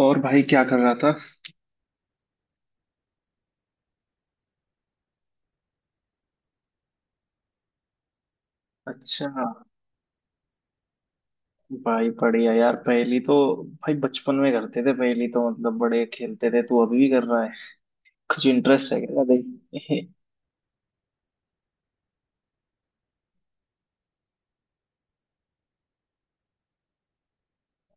और भाई क्या कर रहा था? अच्छा। भाई बढ़िया यार, पहेली तो। भाई, बचपन में करते थे पहेली तो, मतलब बड़े खेलते थे, तू अभी भी कर रहा है? कुछ इंटरेस्ट है क्या भाई?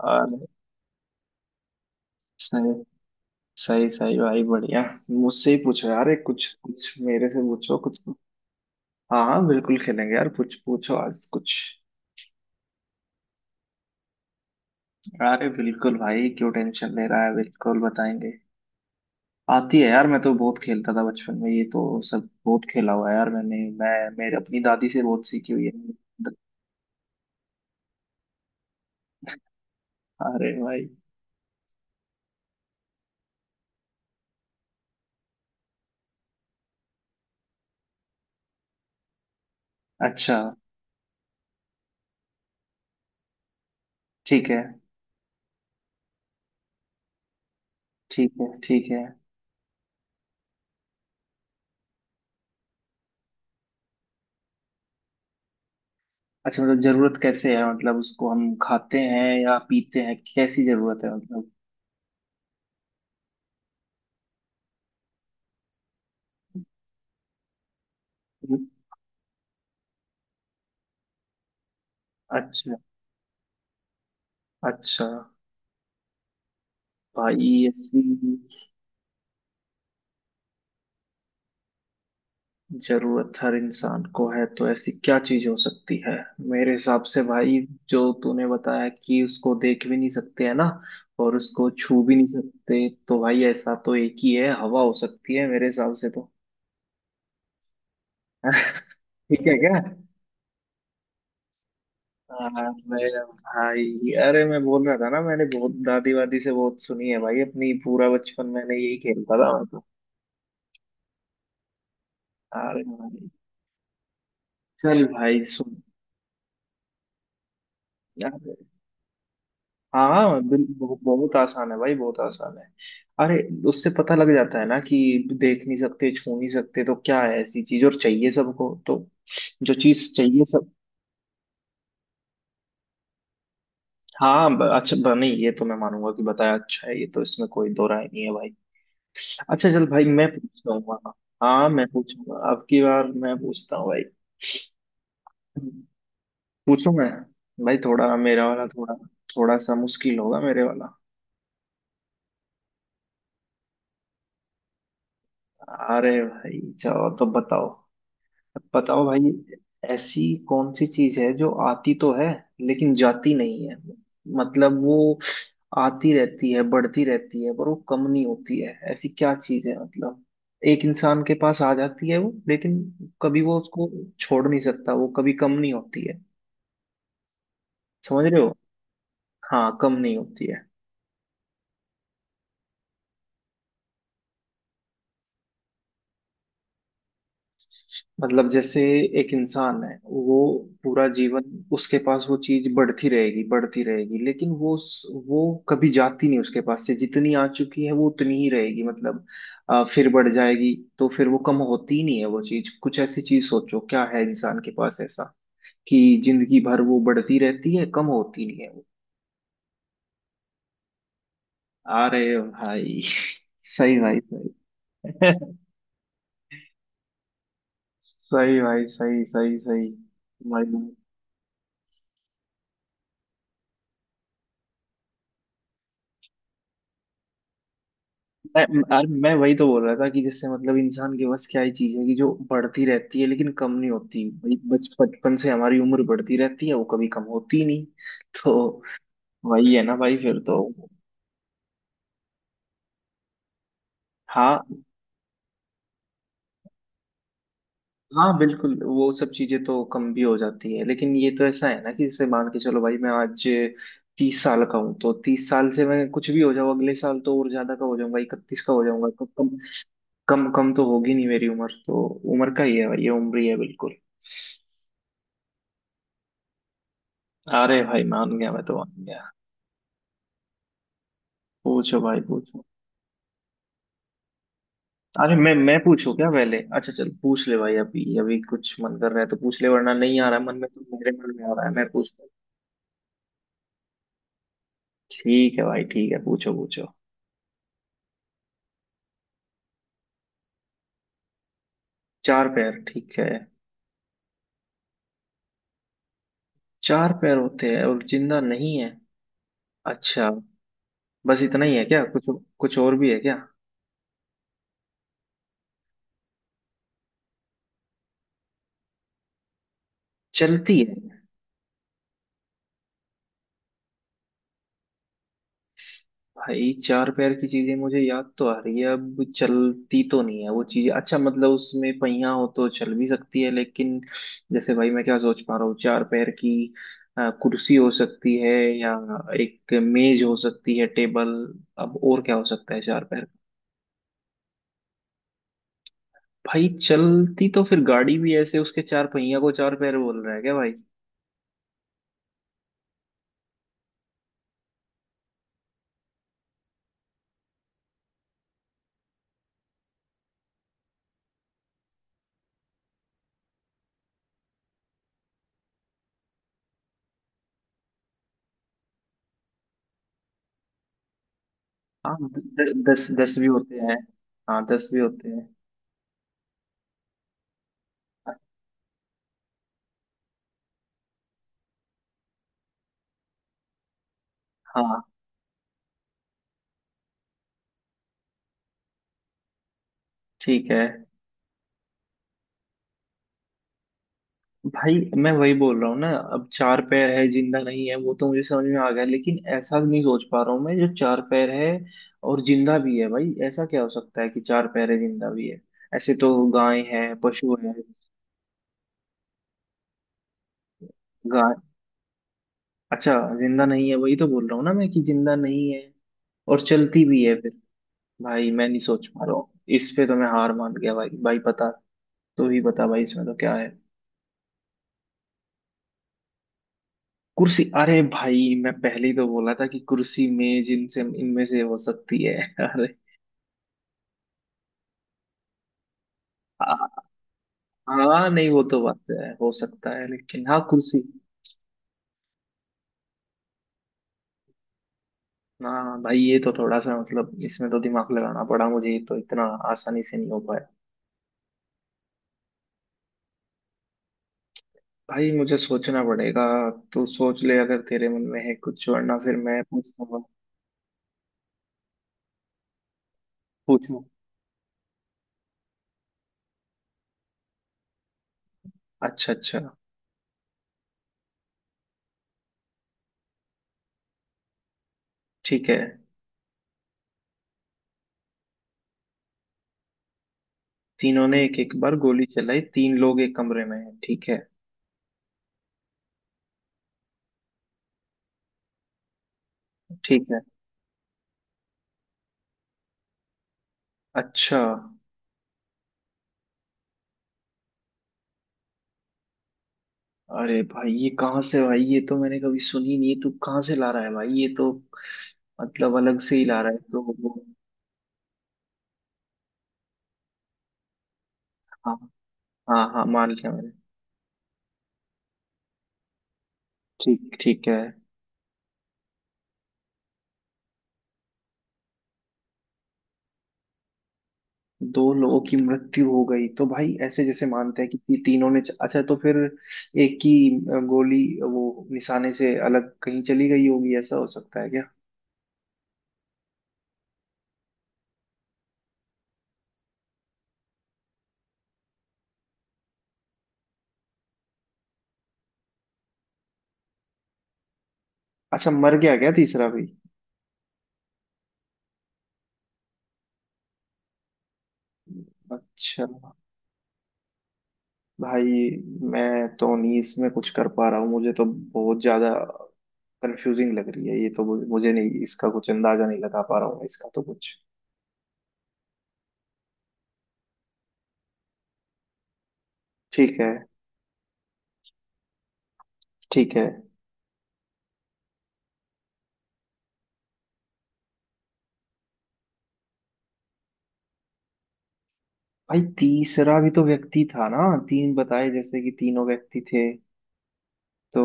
और सही सही सही भाई, बढ़िया। मुझसे ही पूछो यार, एक कुछ कुछ मेरे से पूछो कुछ तो। हाँ हाँ, बिल्कुल खेलेंगे यार, कुछ पूछो आज कुछ। अरे बिल्कुल भाई, क्यों टेंशन ले रहा है, बिल्कुल बताएंगे। आती है यार, मैं तो बहुत खेलता था बचपन में, ये तो सब बहुत खेला हुआ है यार, मैंने मैं मेरे अपनी दादी से बहुत सीखी हुई है। अरे भाई। अच्छा। ठीक है ठीक है। ठीक है। अच्छा, मतलब जरूरत कैसे है, मतलब उसको हम खाते हैं या पीते हैं, कैसी जरूरत है मतलब? अच्छा। अच्छा। भाई ऐसी जरूरत हर इंसान को है तो ऐसी क्या चीज हो सकती है? मेरे हिसाब से भाई, जो तूने बताया कि उसको देख भी नहीं सकते है ना, और उसको छू भी नहीं सकते, तो भाई ऐसा तो एक ही है, हवा हो सकती है मेरे हिसाब से तो। ठीक है क्या? हाँ, मैं। भाई, अरे मैं बोल रहा था ना, मैंने बहुत दादी वादी से बहुत सुनी है भाई, अपनी पूरा बचपन मैंने यही खेलता था मैं तो। अरे भाई। चल भाई सुन। हाँ, बहुत आसान है भाई, बहुत आसान है। अरे, उससे पता लग जाता है ना कि देख नहीं सकते, छू नहीं सकते, तो क्या है ऐसी चीज और चाहिए सबको तो? जो चीज चाहिए सब। हाँ, अच्छा नहीं, ये तो मैं मानूंगा कि बताया अच्छा है, ये तो इसमें कोई दो राय नहीं है भाई। अच्छा चल भाई मैं पूछता हूँ, हाँ। हाँ, मैं पूछूंगा अब की बार, मैं पूछता हूँ भाई। पूछूं मैं? भाई थोड़ा मेरा वाला थोड़ा, थोड़ा सा मुश्किल होगा मेरे वाला। अरे भाई चलो, तो बताओ, बताओ भाई। ऐसी कौन सी चीज है जो आती तो है लेकिन जाती नहीं है? मतलब वो आती रहती है, बढ़ती रहती है, पर वो कम नहीं होती है, ऐसी क्या चीज है मतलब? एक इंसान के पास आ जाती है वो, लेकिन कभी वो उसको छोड़ नहीं सकता, वो कभी कम नहीं होती है। समझ रहे हो? हाँ, कम नहीं होती है। मतलब जैसे एक इंसान है वो पूरा जीवन, उसके पास वो चीज बढ़ती रहेगी बढ़ती रहेगी, लेकिन वो उस- वो कभी जाती नहीं उसके पास से, जितनी आ चुकी है वो उतनी ही रहेगी मतलब, फिर बढ़ जाएगी। तो फिर वो कम होती ही नहीं है, वो चीज। कुछ ऐसी चीज सोचो क्या है इंसान के पास ऐसा कि जिंदगी भर वो बढ़ती रहती है, कम होती नहीं है वो। अरे भाई सही भाई सही। सही भाई सही सही सही। भाई, मैं मैं वही तो बोल रहा था कि जैसे मतलब इंसान के बस क्या ही चीज है कि जो बढ़ती रहती है लेकिन कम नहीं होती भाई, बच बचपन से हमारी उम्र बढ़ती रहती है, वो कभी कम होती ही नहीं। तो वही है ना भाई फिर तो। हाँ हाँ, बिल्कुल वो सब चीजें तो कम भी हो जाती है, लेकिन ये तो ऐसा है ना कि जैसे मान के चलो भाई, मैं आज 30 साल का हूँ, तो 30 साल से मैं कुछ भी हो जाऊँ, अगले साल तो और ज्यादा का हो जाऊंगा, 31 का हो जाऊंगा, तो कम कम कम तो होगी नहीं मेरी उम्र तो। उम्र का ही है भाई, ये उम्र ही है बिल्कुल। अरे भाई मान गया, मैं तो मान गया। पूछो भाई पूछो। अरे मैं पूछू क्या पहले? अच्छा चल पूछ ले भाई, अभी अभी कुछ मन कर रहा है तो पूछ ले, वरना नहीं आ रहा है मन में तो, मेरे मन में आ रहा है मैं पूछता हूँ। ठीक है भाई ठीक है, पूछो पूछो। चार पैर? ठीक है। चार पैर होते हैं और जिंदा नहीं है? अच्छा। बस इतना ही है क्या, कुछ कुछ और भी है क्या? चलती है? भाई चार पैर की चीजें मुझे याद तो आ रही है, अब चलती तो नहीं है वो चीजें, अच्छा मतलब उसमें पहिया हो तो चल भी सकती है लेकिन, जैसे भाई मैं क्या सोच पा रहा हूँ चार पैर की, कुर्सी हो सकती है, या एक मेज हो सकती है, टेबल। अब और क्या हो सकता है चार पैर? भाई चलती तो फिर गाड़ी भी, ऐसे उसके चार पहिया को चार पैर बोल रहा है क्या भाई? हाँ द, द, दस दस भी होते हैं। हाँ 10 भी होते हैं। हाँ ठीक है भाई। मैं वही बोल रहा हूँ ना, अब चार पैर है जिंदा नहीं है वो तो मुझे समझ में आ गया, लेकिन ऐसा नहीं सोच पा रहा हूँ मैं जो चार पैर है और जिंदा भी है भाई, ऐसा क्या हो सकता है कि चार पैर है जिंदा भी है? ऐसे तो गाय है, पशु है। गाय। अच्छा। जिंदा नहीं है, वही तो बोल रहा हूँ ना मैं कि जिंदा नहीं है, और चलती भी है फिर? भाई मैं नहीं सोच पा रहा हूँ, इस पे तो मैं हार मान गया भाई। भाई पता तो ही बता भाई, इसमें तो क्या है? कुर्सी? अरे भाई मैं पहले ही तो बोला था कि कुर्सी मेज इनसे इनमें से हो सकती है। अरे, हाँ हाँ, नहीं वो तो बात है हो सकता है, लेकिन हाँ कुर्सी। हाँ भाई, ये तो थोड़ा सा मतलब, इसमें तो दिमाग लगाना पड़ा मुझे, ये तो इतना आसानी से नहीं हो पाया। भाई मुझे सोचना पड़ेगा, तू सोच ले अगर तेरे मन में है कुछ, वरना फिर मैं पूछूंगा। पूछूं? अच्छा अच्छा। ठीक है। तीनों ने एक एक बार गोली चलाई, तीन लोग एक कमरे में हैं ठीक है? ठीक है। अच्छा। अरे भाई ये कहाँ से भाई, ये तो मैंने कभी सुनी नहीं, तू कहाँ से ला रहा है भाई, ये तो मतलब अलग से ही ला रहा है तो। हाँ हाँ मान लिया मैंने। ठीक, ठीक है। दो लोगों की मृत्यु हो गई तो भाई, ऐसे जैसे मानते हैं कि तीनों ने, अच्छा तो फिर एक की गोली वो निशाने से अलग कहीं चली गई होगी, ऐसा हो सकता है क्या? अच्छा मर गया क्या तीसरा भी? अच्छा। भाई मैं तो नहीं इसमें कुछ कर पा रहा हूँ, मुझे तो बहुत ज्यादा कंफ्यूजिंग लग रही है ये तो, मुझे मुझे नहीं, इसका कुछ अंदाजा नहीं लगा पा रहा हूँ मैं, इसका तो कुछ। ठीक है। ठीक है भाई, तीसरा भी तो व्यक्ति था ना, तीन बताए जैसे कि तीनों व्यक्ति थे तो?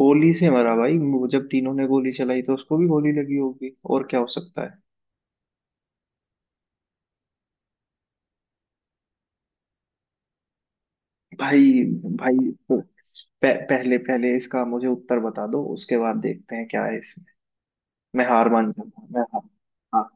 गोली से मरा भाई वो, जब तीनों ने गोली चलाई तो उसको भी गोली लगी होगी, और क्या हो सकता है? भाई। भाई तो पहले पहले इसका मुझे उत्तर बता दो, उसके बाद देखते हैं क्या है इसमें। मैं हार मान जाऊंगा, मैं हार। हाँ।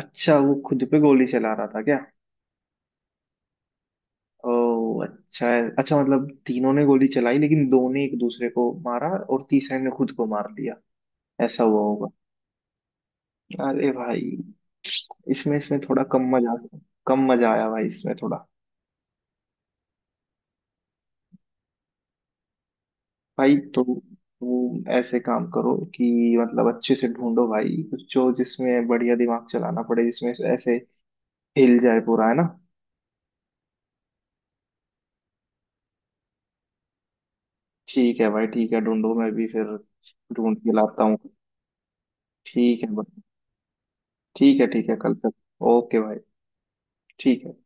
अच्छा, वो खुद पे गोली चला रहा था क्या? ओ अच्छा है, अच्छा मतलब तीनों ने गोली चलाई लेकिन दो ने एक दूसरे को मारा और तीसरे ने खुद को मार दिया, ऐसा हुआ होगा। अरे भाई, इसमें इसमें थोड़ा कम मजा, कम मजा आया भाई, इसमें थोड़ा। भाई तो वो ऐसे काम करो कि मतलब अच्छे से ढूंढो भाई कुछ, जो जिसमें बढ़िया दिमाग चलाना पड़े, जिसमें ऐसे हिल जाए पूरा, है ना? ठीक है भाई ठीक है, ढूंढो मैं भी फिर ढूंढ के लाता हूँ। ठीक है भाई, ठीक है, ठीक है कल तक। ओके भाई, ठीक है।